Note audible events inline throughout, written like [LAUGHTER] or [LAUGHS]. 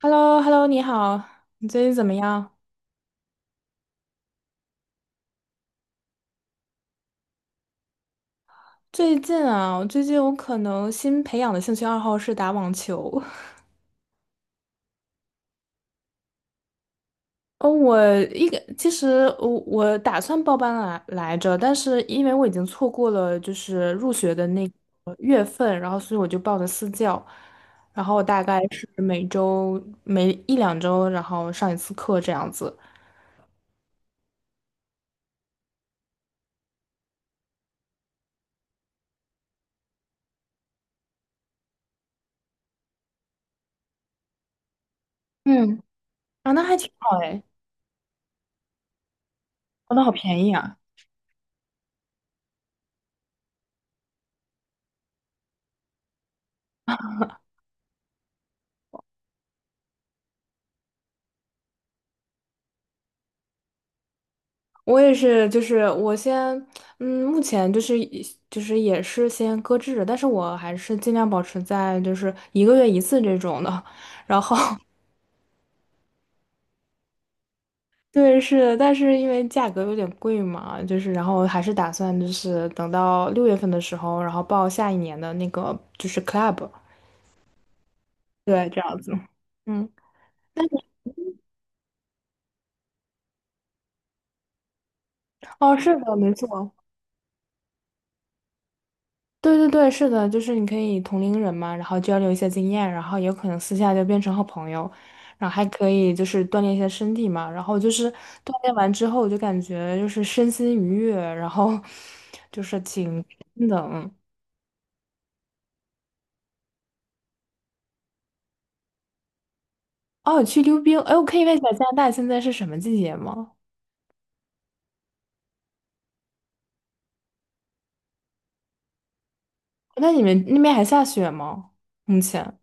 h e l l o hello 你好，你最近怎么样？最近啊，我最近可能新培养的兴趣爱好是打网球。[LAUGHS] 哦，我一个其实我我打算报班来着，但是因为我已经错过了就是入学的那个月份，然后所以我就报的私教，然后大概是每周每一两周，然后上一次课这样子。嗯，啊，那还挺好哎。哦，那好便宜啊。我也是，就是我先，嗯，目前就是以就是也是先搁置着，但是我还是尽量保持在就是1个月1次这种的，然后 [LAUGHS] 对是，但是因为价格有点贵嘛，就是然后还是打算就是等到6月份的时候，然后报下一年的那个就是 club。对，这样子，嗯。但是哦是的，没错。对对对，是的，就是你可以同龄人嘛，然后交流一些经验，然后有可能私下就变成好朋友，然后还可以就是锻炼一些身体嘛，然后就是锻炼完之后，我就感觉就是身心愉悦，然后 [LAUGHS] 就是挺真的，嗯。哦，去溜冰，哎，我可以问一下加拿大现在是什么季节吗？那你们那边还下雪吗？目前？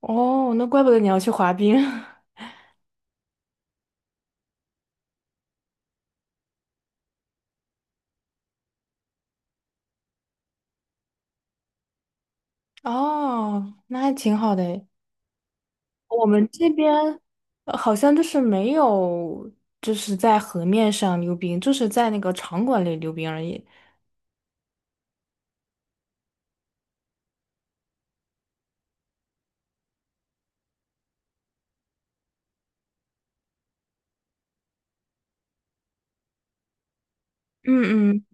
哦，那怪不得你要去滑冰。[LAUGHS] 哦，那还挺好的。我们这边好像就是没有，就是在河面上溜冰，就是在那个场馆里溜冰而已。嗯嗯。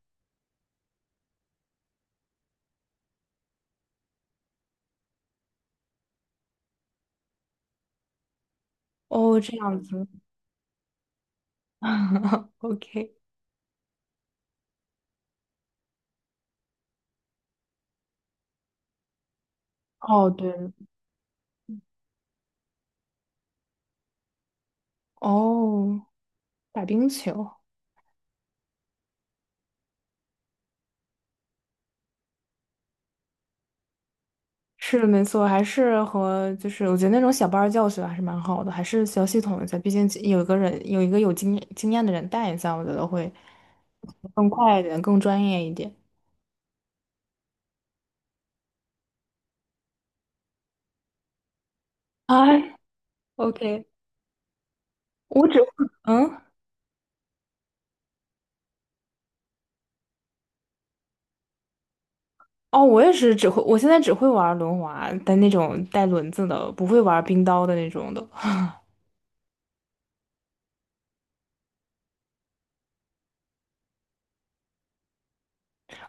哦，这样子。 [LAUGHS]，OK。哦，对。哦，打冰球是的，没错，还是和就是我觉得那种小班儿教学还是蛮好的，还是需要系统一下，毕竟有一个人有一个有经经验的人带一下，我觉得会更快一点，更专业一点。哎，OK，我只会嗯。哦，我也是只会，我现在只会玩轮滑，但那种带轮子的，不会玩冰刀的那种的。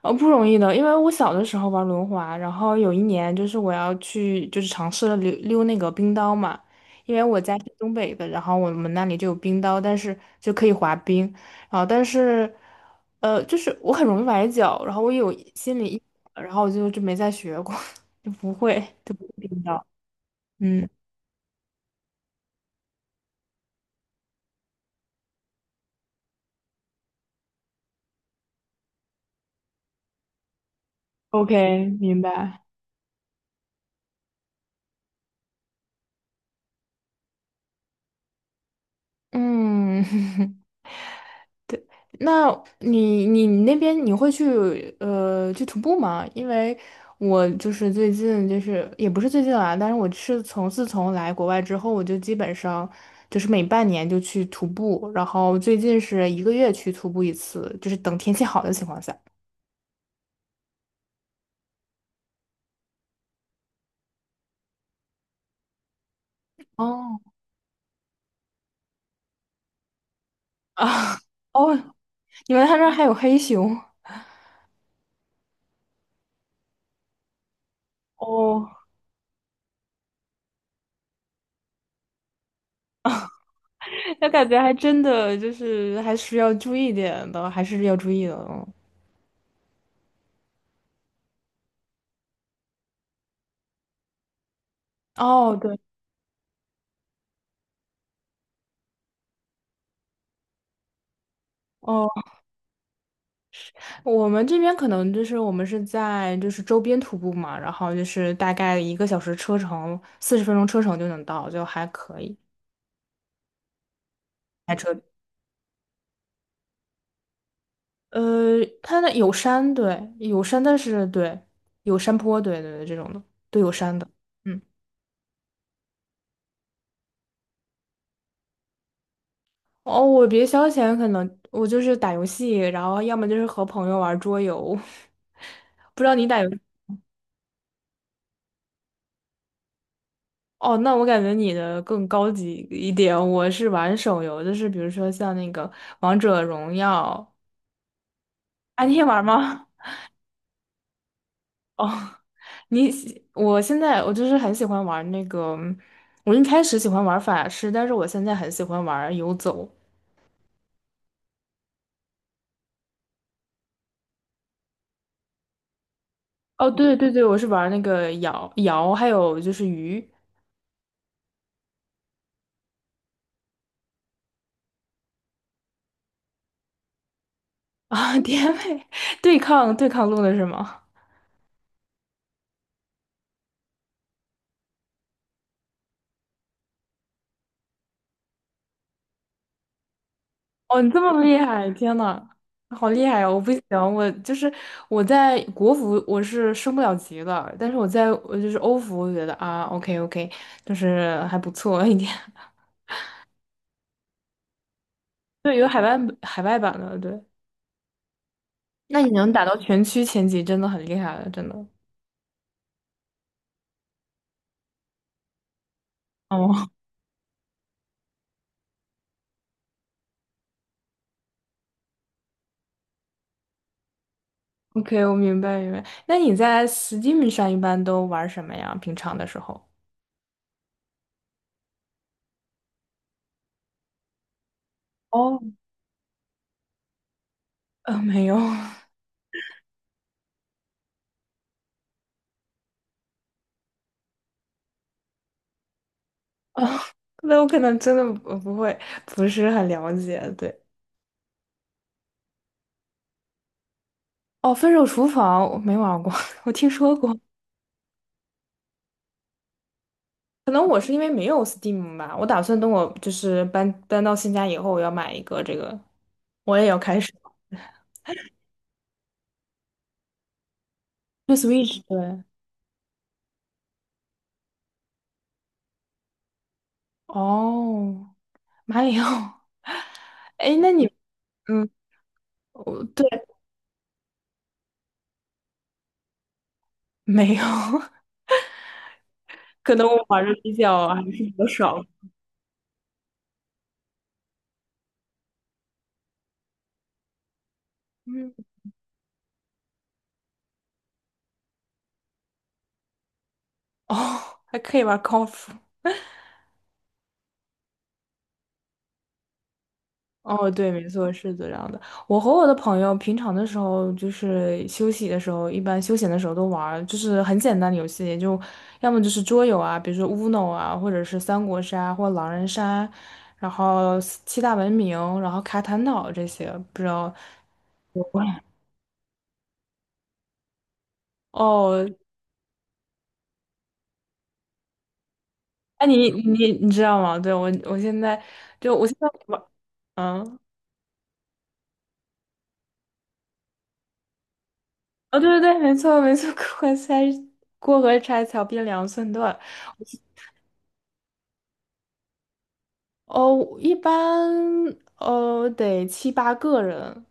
不容易的。因为我小的时候玩轮滑，然后有一年就是我要去，就是尝试了溜溜那个冰刀嘛，因为我家是东北的，然后我们那里就有冰刀，但是就可以滑冰，然后但是，就是我很容易崴脚，然后我有心理阴影，然后我就没再学过，[LAUGHS] 就不会，就不会冰刀。嗯，OK，明白。嗯。[LAUGHS] 那你那边你会去去徒步吗？因为我就是最近就是也不是最近啊，但是我是从自从来国外之后，我就基本上就是每半年就去徒步，然后最近是一个月去徒步一次，就是等天气好的情况下。哦啊。 [LAUGHS]，哦，你们他那儿还有黑熊。哦 [LAUGHS]，那感觉还真的就是还是要注意点的，还是要注意的。嗯。哦，对。哦。我们这边可能就是我们是在就是周边徒步嘛，然后就是大概1个小时车程，40分钟车程就能到，就还可以。开车，呃，它那有山，对，有山，但是对，有山坡，对对对，这种的，都有山的。嗯。哦，我别消遣，可能我就是打游戏，然后要么就是和朋友玩桌游。[LAUGHS] 不知道你打游，哦，那我感觉你的更高级一点。我是玩手游，就是比如说像那个《王者荣耀》。啊，你也玩吗？[LAUGHS] 哦，你喜，我现在我就是很喜欢玩那个，我一开始喜欢玩法师，但是我现在很喜欢玩游走。哦，对对对，我是玩那个瑶瑶，还有就是鱼 [LAUGHS] 啊，甜美对抗对抗路的是吗？哦，你这么厉害，天呐，好厉害哦！我不行，我就是我在国服我是升不了级的，但是我在我就是欧服，我觉得啊，OK OK，就是还不错一点。对，有海外海外版的，对。那你能打到全区前几，真的很厉害了，真的。哦 [LAUGHS]，OK，我明白明白。那你在 Steam 上一般都玩什么呀？平常的时候？哦，没有。哦那我可能真的不不会，不是很了解。对。哦，《分手厨房》我没玩过，[LAUGHS] 我听说过。可能我是因为没有 Steam 吧，我打算等我就是搬搬到新家以后，我要买一个这个，我也要开始。对 Switch，对。哦，马里奥。哎，那你，嗯，我对，没有。[LAUGHS] 可能我玩的比较还是比较少。嗯。哦，还可以玩 colf 哦，对，没错，是这样的。我和我的朋友平常的时候，就是休息的时候，一般休闲的时候都玩儿，就是很简单的游戏，就要么就是桌游啊，比如说 Uno 啊，或者是三国杀或狼人杀，然后七大文明，然后卡坦岛这些，不知道。[LAUGHS] 哦，哎，你知道吗？对，我现在玩，嗯。哦，对对对，没错没错，[LAUGHS] 过河拆桥变两寸断。哦，一般哦得7、8个人。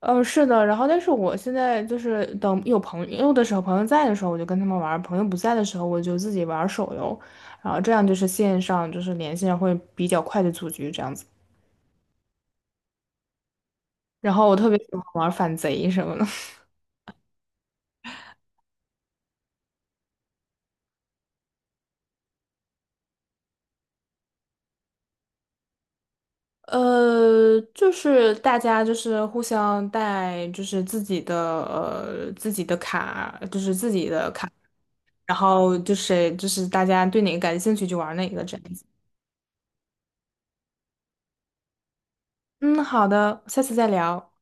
嗯，是的，然后但是我现在就是等有朋友的时候，朋友在的时候我就跟他们玩儿，朋友不在的时候我就自己玩儿手游，然后这样就是线上就是连线会比较快的组局这样子。然后我特别喜欢玩儿反贼什么的。就是大家就是互相带，就是自己的自己的卡，就是自己的卡，然后就是就是大家对哪个感兴趣就玩哪个这样子。嗯，好的，下次再聊。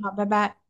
好，拜拜。